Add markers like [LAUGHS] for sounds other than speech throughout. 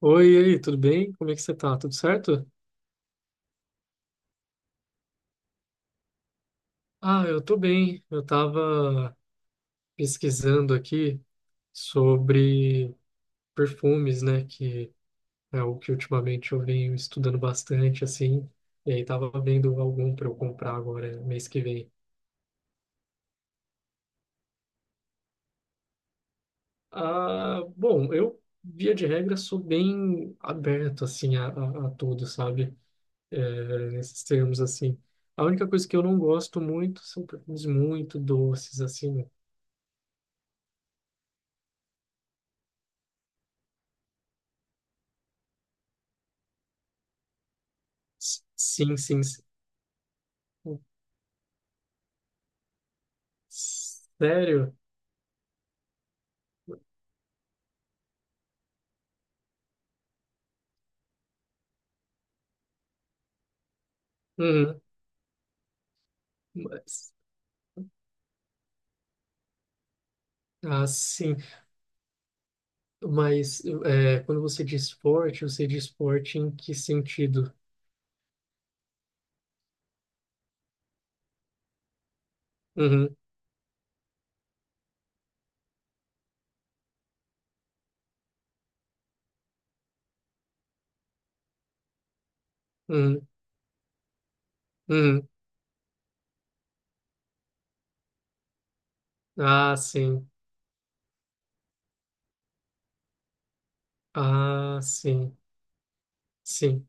Oi, e aí, tudo bem? Como é que você tá? Tudo certo? Ah, eu tô bem. Eu tava pesquisando aqui sobre perfumes, né? Que é o que ultimamente eu venho estudando bastante, assim. E aí tava vendo algum para eu comprar agora, mês que vem. Ah, bom, eu, via de regra, sou bem aberto, assim, a tudo, sabe? É, nesses termos, assim. A única coisa que eu não gosto muito são perfumes muito doces, assim. Sim, sim, sim. Sério? Uhum. Mas, ah, sim. Mas é, quando você diz esporte em que sentido? Uhum, uhum, uhum. Ah, sim. Ah, sim. Sim.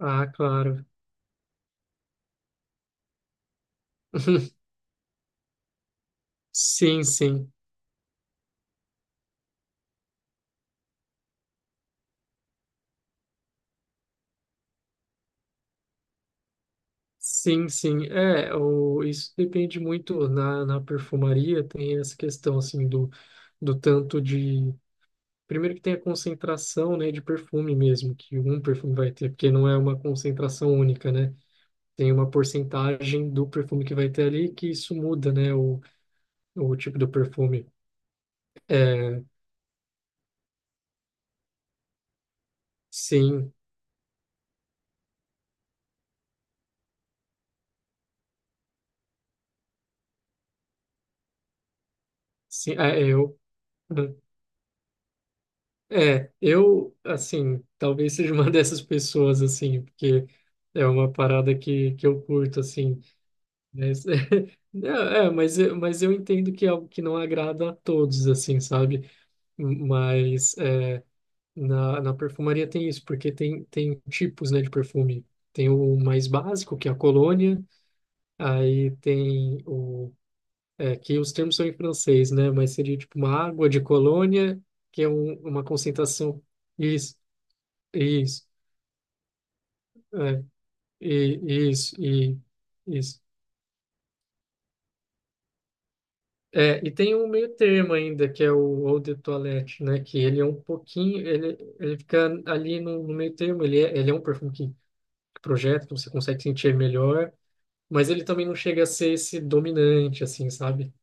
Ah, claro. [LAUGHS] Sim, sim. Sim, sim. É, o, isso depende muito na perfumaria, tem essa questão assim do, do tanto de Primeiro que tem a concentração, né, de perfume mesmo, que um perfume vai ter, porque não é uma concentração única, né? Tem uma porcentagem do perfume que vai ter ali, que isso muda, né, o tipo do perfume. É, sim, sim, eu, assim, talvez seja uma [LAUGHS] dessas pessoas, assim, porque é uma parada que eu curto, assim, mas, [LAUGHS] é, mas, mas eu entendo que é algo que não agrada a todos, assim, sabe? Mas, é, Na perfumaria tem isso, porque tem, tem tipos, né, de perfume. Tem o mais básico, que é a colônia, aí tem o... É, que os termos são em francês, né, mas seria tipo uma água de colônia, que é uma concentração. Isso, isso, é, e, isso, e, isso. É, e tem um meio termo ainda, que é o eau de toilette, né, que ele é um pouquinho, ele fica ali no, no meio termo, ele é um perfume que projeta, que você consegue sentir melhor. Mas ele também não chega a ser esse dominante, assim, sabe?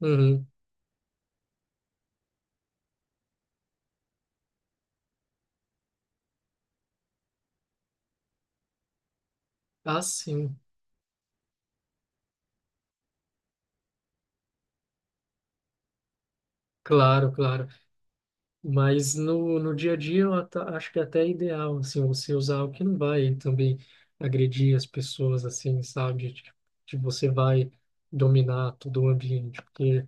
Uhum. Ah, sim. Claro, claro. Mas no, no dia a dia eu acho que é até ideal, assim, você usar o que não vai também agredir as pessoas, assim, sabe? De você vai dominar todo o ambiente. Porque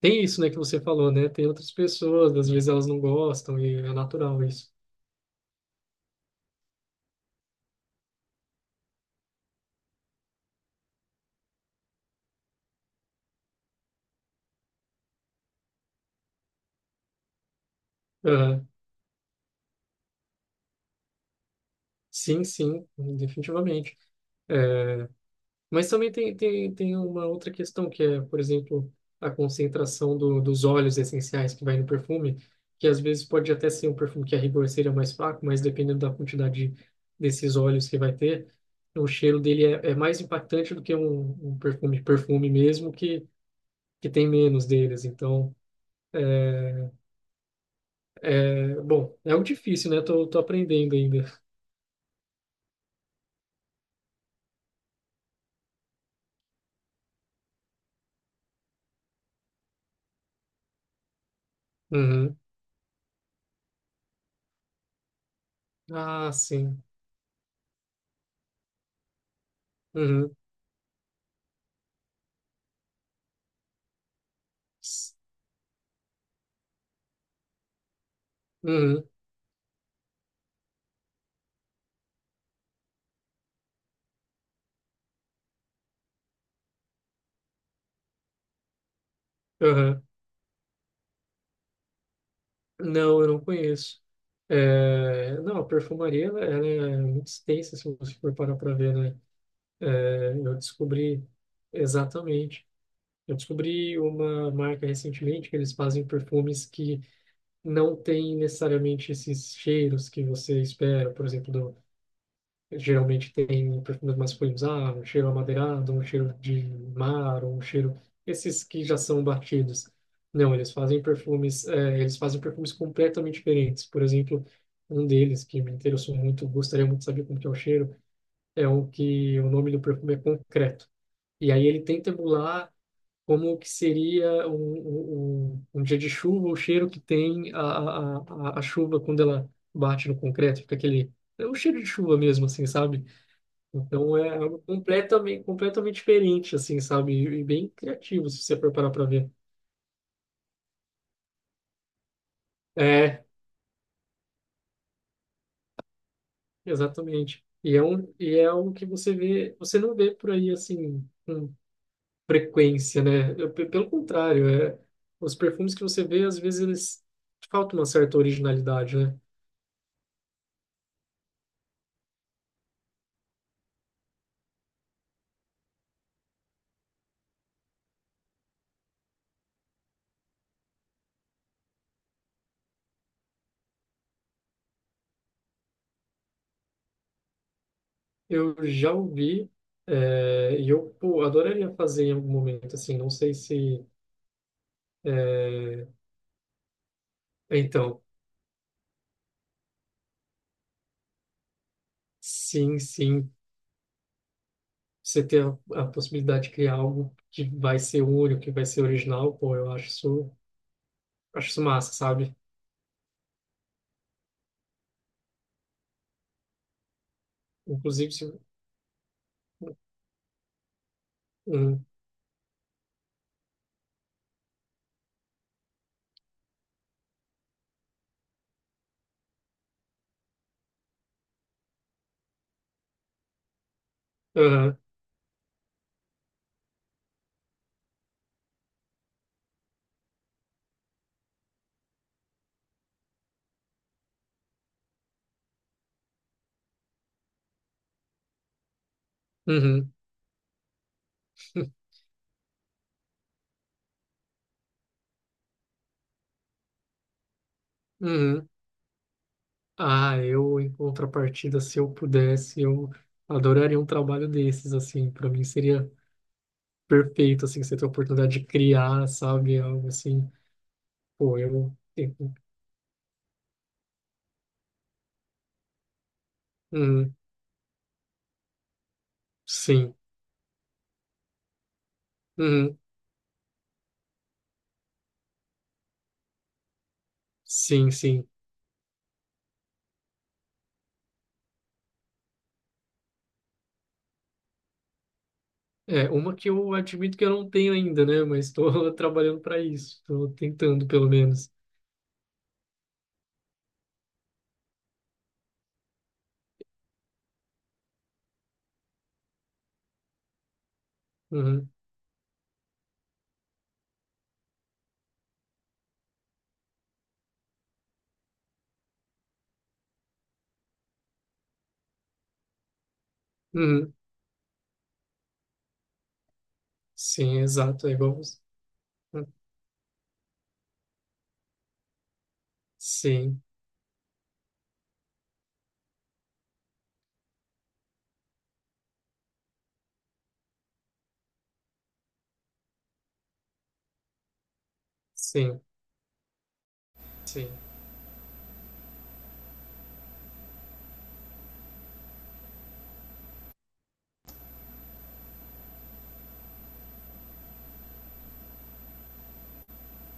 tem isso, né, que você falou, né? Tem outras pessoas, às vezes elas não gostam e é natural isso. Uhum. Sim, sim, definitivamente. É, mas também tem, tem, tem uma outra questão, que é, por exemplo, a concentração do, dos óleos essenciais que vai no perfume, que às vezes pode até ser um perfume que a rigor seria mais fraco, mas dependendo da quantidade desses óleos que vai ter, o cheiro dele é, é mais impactante do que um perfume mesmo, que tem menos deles. Então, é, bom, é algo difícil, né? Tô, tô aprendendo ainda. Uhum. Ah, sim. Uhum. Uhum. Uhum. Não, eu não conheço. É, não, a perfumaria ela, ela é muito extensa, se você for parar para ver, né? É, eu descobri exatamente. Eu descobri uma marca recentemente que eles fazem perfumes que não têm necessariamente esses cheiros que você espera, por exemplo, geralmente tem perfumes masculinos, ah, um cheiro amadeirado, um cheiro de mar, um cheiro... Esses que já são batidos. Não, eles fazem perfumes, eles fazem perfumes completamente diferentes. Por exemplo, um deles que me interessou muito, gostaria muito de saber como que é o cheiro, é o que o nome do perfume é Concreto. E aí ele tenta emular como que seria um um dia de chuva, o cheiro que tem a chuva quando ela bate no concreto, fica aquele... É um cheiro de chuva mesmo, assim, sabe? Então é algo completamente diferente, assim, sabe? E bem criativo, se você for parar para ver. É, exatamente. E é um, e é algo que você vê, você não vê por aí, assim, com frequência, né? Eu, pelo contrário, é, os perfumes que você vê, às vezes, eles faltam uma certa originalidade, né? Eu já ouvi, é, e eu, pô, adoraria fazer em algum momento, assim, não sei se... é, então, sim, sim. Você ter a possibilidade de criar algo que vai ser único, que vai ser original, pô, acho isso massa, sabe? Inclusive, se... Hum, aham, uhum, [LAUGHS] uhum. Ah, eu, em contrapartida, se eu pudesse, eu adoraria um trabalho desses, assim, para mim seria perfeito, assim, você ter a oportunidade de criar, sabe, algo assim, pô, eu. Uhum, sim, uhum, sim, sim. É, uma que eu admito que eu não tenho ainda, né? Mas estou [LAUGHS] trabalhando para isso. Estou tentando, pelo menos. Uhum. Uhum. Sim, exato. É igual você. Uhum. Sim, sim, sim.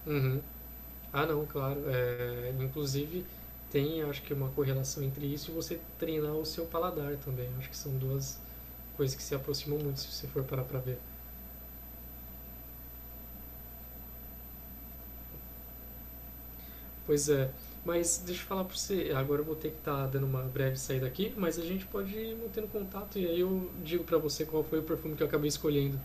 Uhum. Ah, não, claro. É, inclusive, tem, acho que, uma correlação entre isso e você treinar o seu paladar também. Acho que são duas coisas que se aproximam muito, se você for parar para ver. Pois é. Mas deixa eu falar pra você, agora eu vou ter que estar dando uma breve saída aqui, mas a gente pode ir mantendo contato e aí eu digo para você qual foi o perfume que eu acabei escolhendo.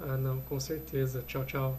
Ah, não, com certeza. Tchau, tchau.